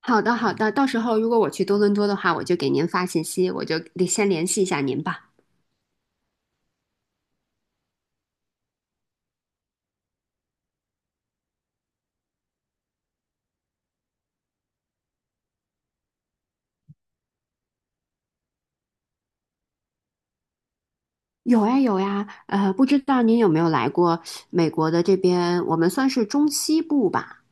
好的，好的，到时候如果我去多伦多的话，我就给您发信息，我就得先联系一下您吧。有呀，有呀，不知道您有没有来过美国的这边，我们算是中西部吧。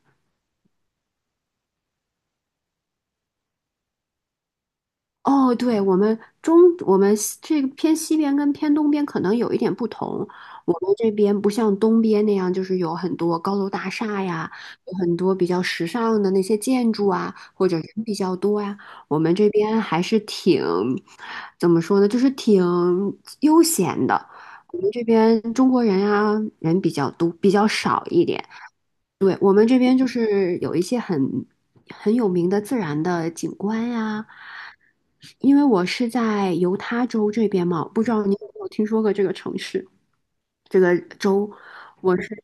哦，对，我们西这个偏西边跟偏东边可能有一点不同。我们这边不像东边那样，就是有很多高楼大厦呀，有很多比较时尚的那些建筑啊，或者人比较多呀。我们这边还是挺，怎么说呢，就是挺悠闲的。我们这边中国人啊，人比较多，比较少一点。对，我们这边就是有一些很有名的自然的景观呀，因为我是在犹他州这边嘛，不知道你有没有听说过这个城市，这个州。我是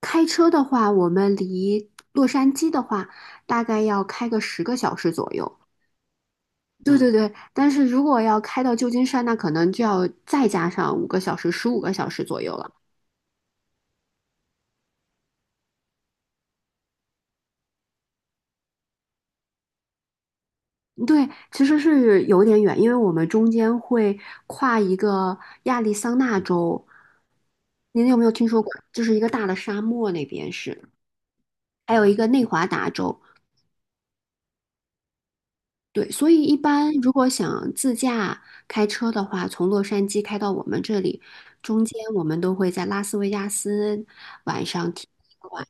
开车的话，我们离洛杉矶的话，大概要开个10个小时左右。对嗯对对，但是如果要开到旧金山，那可能就要再加上五个小时，15个小时左右了。对，其实是有点远，因为我们中间会跨一个亚利桑那州，您有没有听说过？就是一个大的沙漠那边是，还有一个内华达州。对，所以一般如果想自驾开车的话，从洛杉矶开到我们这里，中间我们都会在拉斯维加斯晚上停一晚。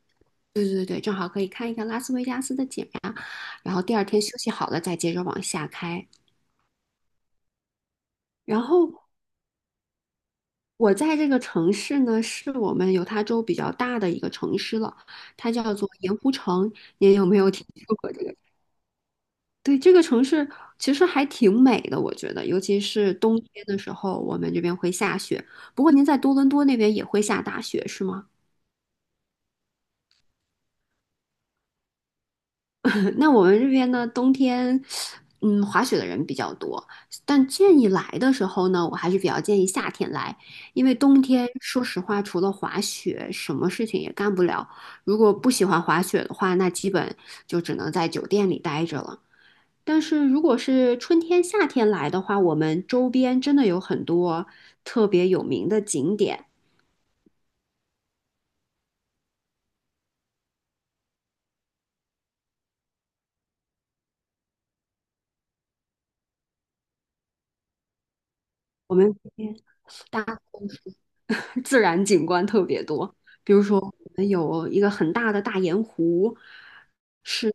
对对对，正好可以看一看拉斯维加斯的景呀，然后第二天休息好了再接着往下开。然后我在这个城市呢，是我们犹他州比较大的一个城市了，它叫做盐湖城。您有没有听说过这个？对，这个城市其实还挺美的，我觉得，尤其是冬天的时候，我们这边会下雪。不过您在多伦多那边也会下大雪，是吗？那我们这边呢，冬天，滑雪的人比较多，但建议来的时候呢，我还是比较建议夏天来，因为冬天说实话，除了滑雪，什么事情也干不了。如果不喜欢滑雪的话，那基本就只能在酒店里待着了。但是如果是春天、夏天来的话，我们周边真的有很多特别有名的景点，我们。自然景观特别多。比如说，我们有一个很大的大盐湖，是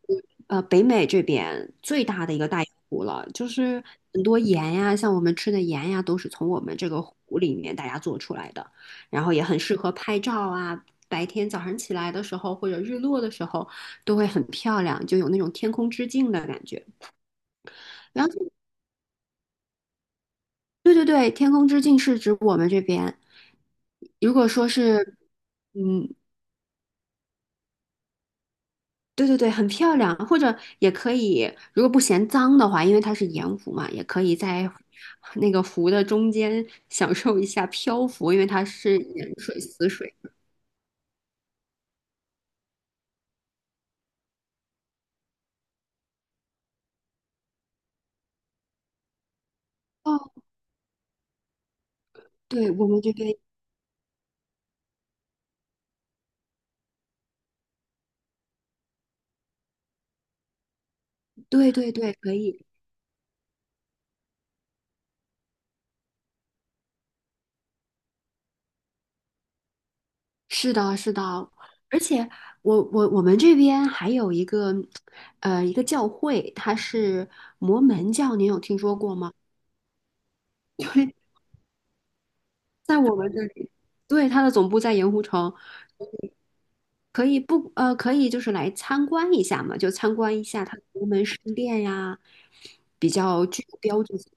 北美这边最大的一个大盐湖了，就是很多盐呀，像我们吃的盐呀，都是从我们这个湖里面大家做出来的，然后也很适合拍照啊。白天早上起来的时候，或者日落的时候，都会很漂亮，就有那种天空之镜的感觉。然后，对对对，天空之镜是指我们这边。如果说是，嗯，对对对，很漂亮，或者也可以，如果不嫌脏的话，因为它是盐湖嘛，也可以在 那个湖的中间享受一下漂浮，因为它是盐水、死水。哦，对，我们这边，对对对，可以，是的，是的，而且我们这边还有一个，一个教会，它是摩门教，您有听说过吗？对，在我们这里，对，它的总部在盐湖城。可以不呃，可以就是来参观一下嘛，就参观一下它的龙门石殿呀，比较具有标志性。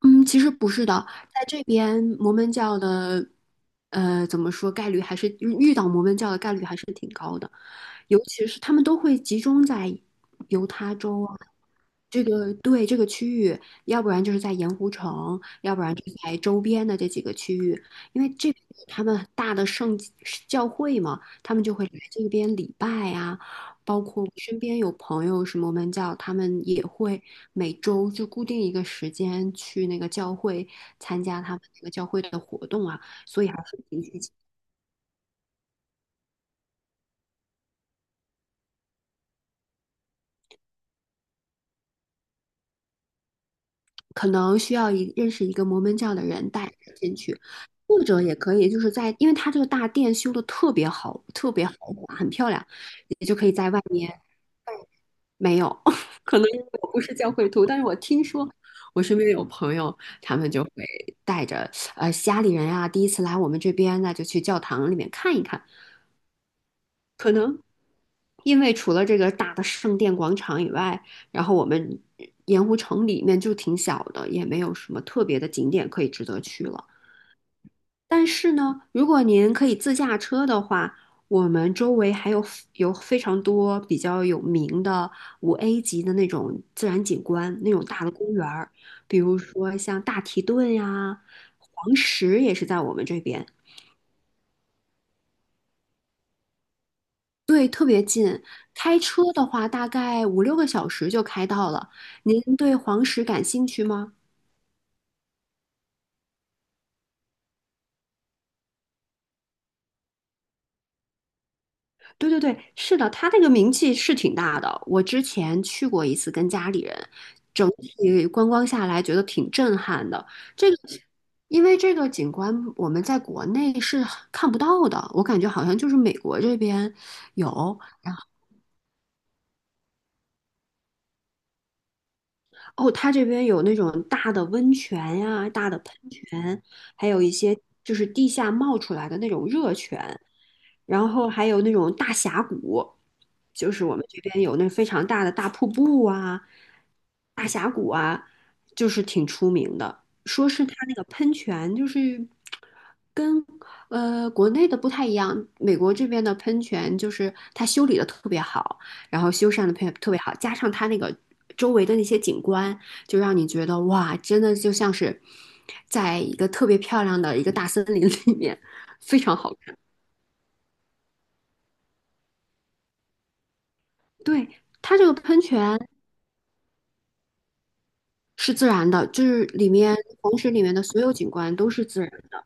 嗯，其实不是的，在这边摩门教的，怎么说概率还是遇到摩门教的概率还是挺高的。尤其是他们都会集中在犹他州啊，这个对这个区域，要不然就是在盐湖城，要不然就在周边的这几个区域，因为这边有他们大的圣教会嘛，他们就会来这边礼拜啊。包括我身边有朋友什么门教，他们也会每周就固定一个时间去那个教会参加他们那个教会的活动啊，所以还是挺聚可能需要一认识一个摩门教的人带着进去，或者也可以就是在，因为它这个大殿修的特别好，特别豪华，很漂亮，也就可以在外面没有，可能因为我不是教会徒，但是我听说我身边有朋友，他们就会带着家里人啊，第一次来我们这边，那就去教堂里面看一看，因为除了这个大的圣殿广场以外，然后我们盐湖城里面就挺小的，也没有什么特别的景点可以值得去了。但是呢，如果您可以自驾车的话，我们周围还有 有非常多比较有名的5A级的那种自然景观，那种大的公园儿，比如说像大提顿呀、黄石也是在我们这边，对，特别近。开车的话，大概五六个小时就开到了。您对黄石感兴趣吗？对对对，是的，他那个名气是挺大的。我之前去过一次，跟家里人，整体观光下来觉得挺震撼的。这个，因为这个景观我们在国内是看不到的，我感觉好像就是美国这边有，然后哦，他这边有那种大的温泉呀、大的喷泉，还有一些就是地下冒出来的那种热泉。然后还有那种大峡谷，就是我们这边有那非常大的大瀑布啊、大峡谷啊，就是挺出名的。说是它那个喷泉，就是跟国内的不太一样，美国这边的喷泉就是它修理的特别好，然后修缮的特别好，加上它那个周围的那些景观，就让你觉得哇，真的就像是在一个特别漂亮的一个大森林里面，非常好。对，它这个喷泉是自然的，就是里面黄石里面的所有景观都是自然的，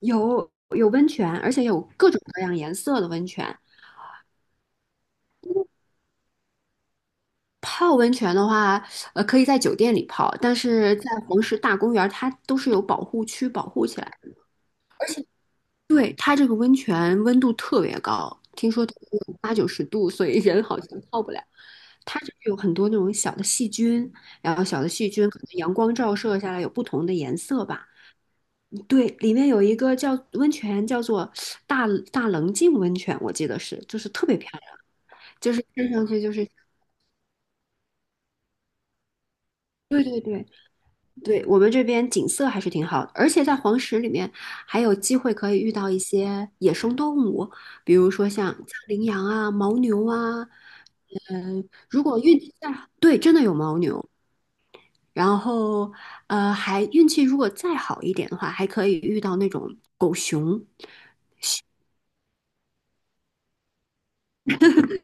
有温泉，而且有各种各样颜色的温泉。泡温泉的话，可以在酒店里泡，但是在黄石大公园，它都是有保护区保护起来的。对，它这个温泉温度特别高，听说得有八九十度，所以人好像泡不了。它这有很多那种小的细菌，然后小的细菌可能阳光照射下来有不同的颜色吧。对，里面有一个叫温泉，叫做大大棱镜温泉，我记得是，就是特别漂亮，就是看上去就是，对对对对，我们这边景色还是挺好的，而且在黄石里面还有机会可以遇到一些野生动物，比如说像羚羊啊、牦牛啊，嗯、如果运气再好，对，真的有牦牛，然后还运气如果再好一点的话，还可以遇到那种狗熊。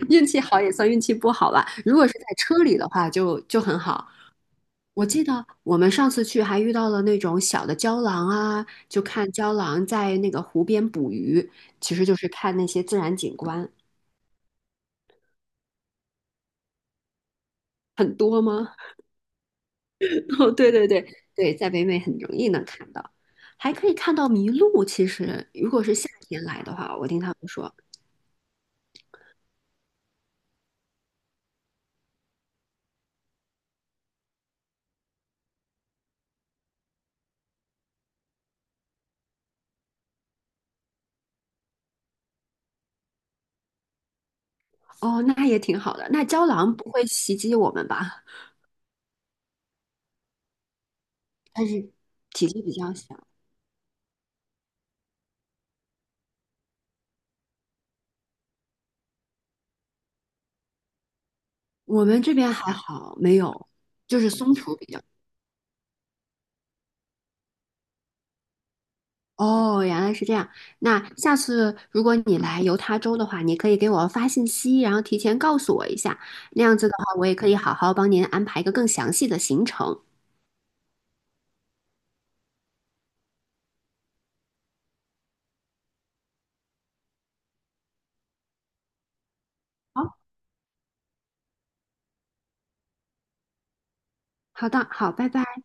运气好也算运气不好吧。如果是在车里的话就很好。我记得我们上次去还遇到了那种小的郊狼啊，就看郊狼在那个湖边捕鱼，其实就是看那些自然景观。很多吗？哦，对对对对，在北美很容易能看到，还可以看到麋鹿。其实如果是夏天来的话，我听他们说，哦，那也挺好的。那郊狼不会袭击我们吧？它是体积比较小。我们这边还好，没有，就是松鼠比较。哦，原来是这样。那下次如果你来犹他州的话，你可以给我发信息，然后提前告诉我一下。那样子的话，我也可以好好帮您安排一个更详细的行程。好，好的，好，拜拜。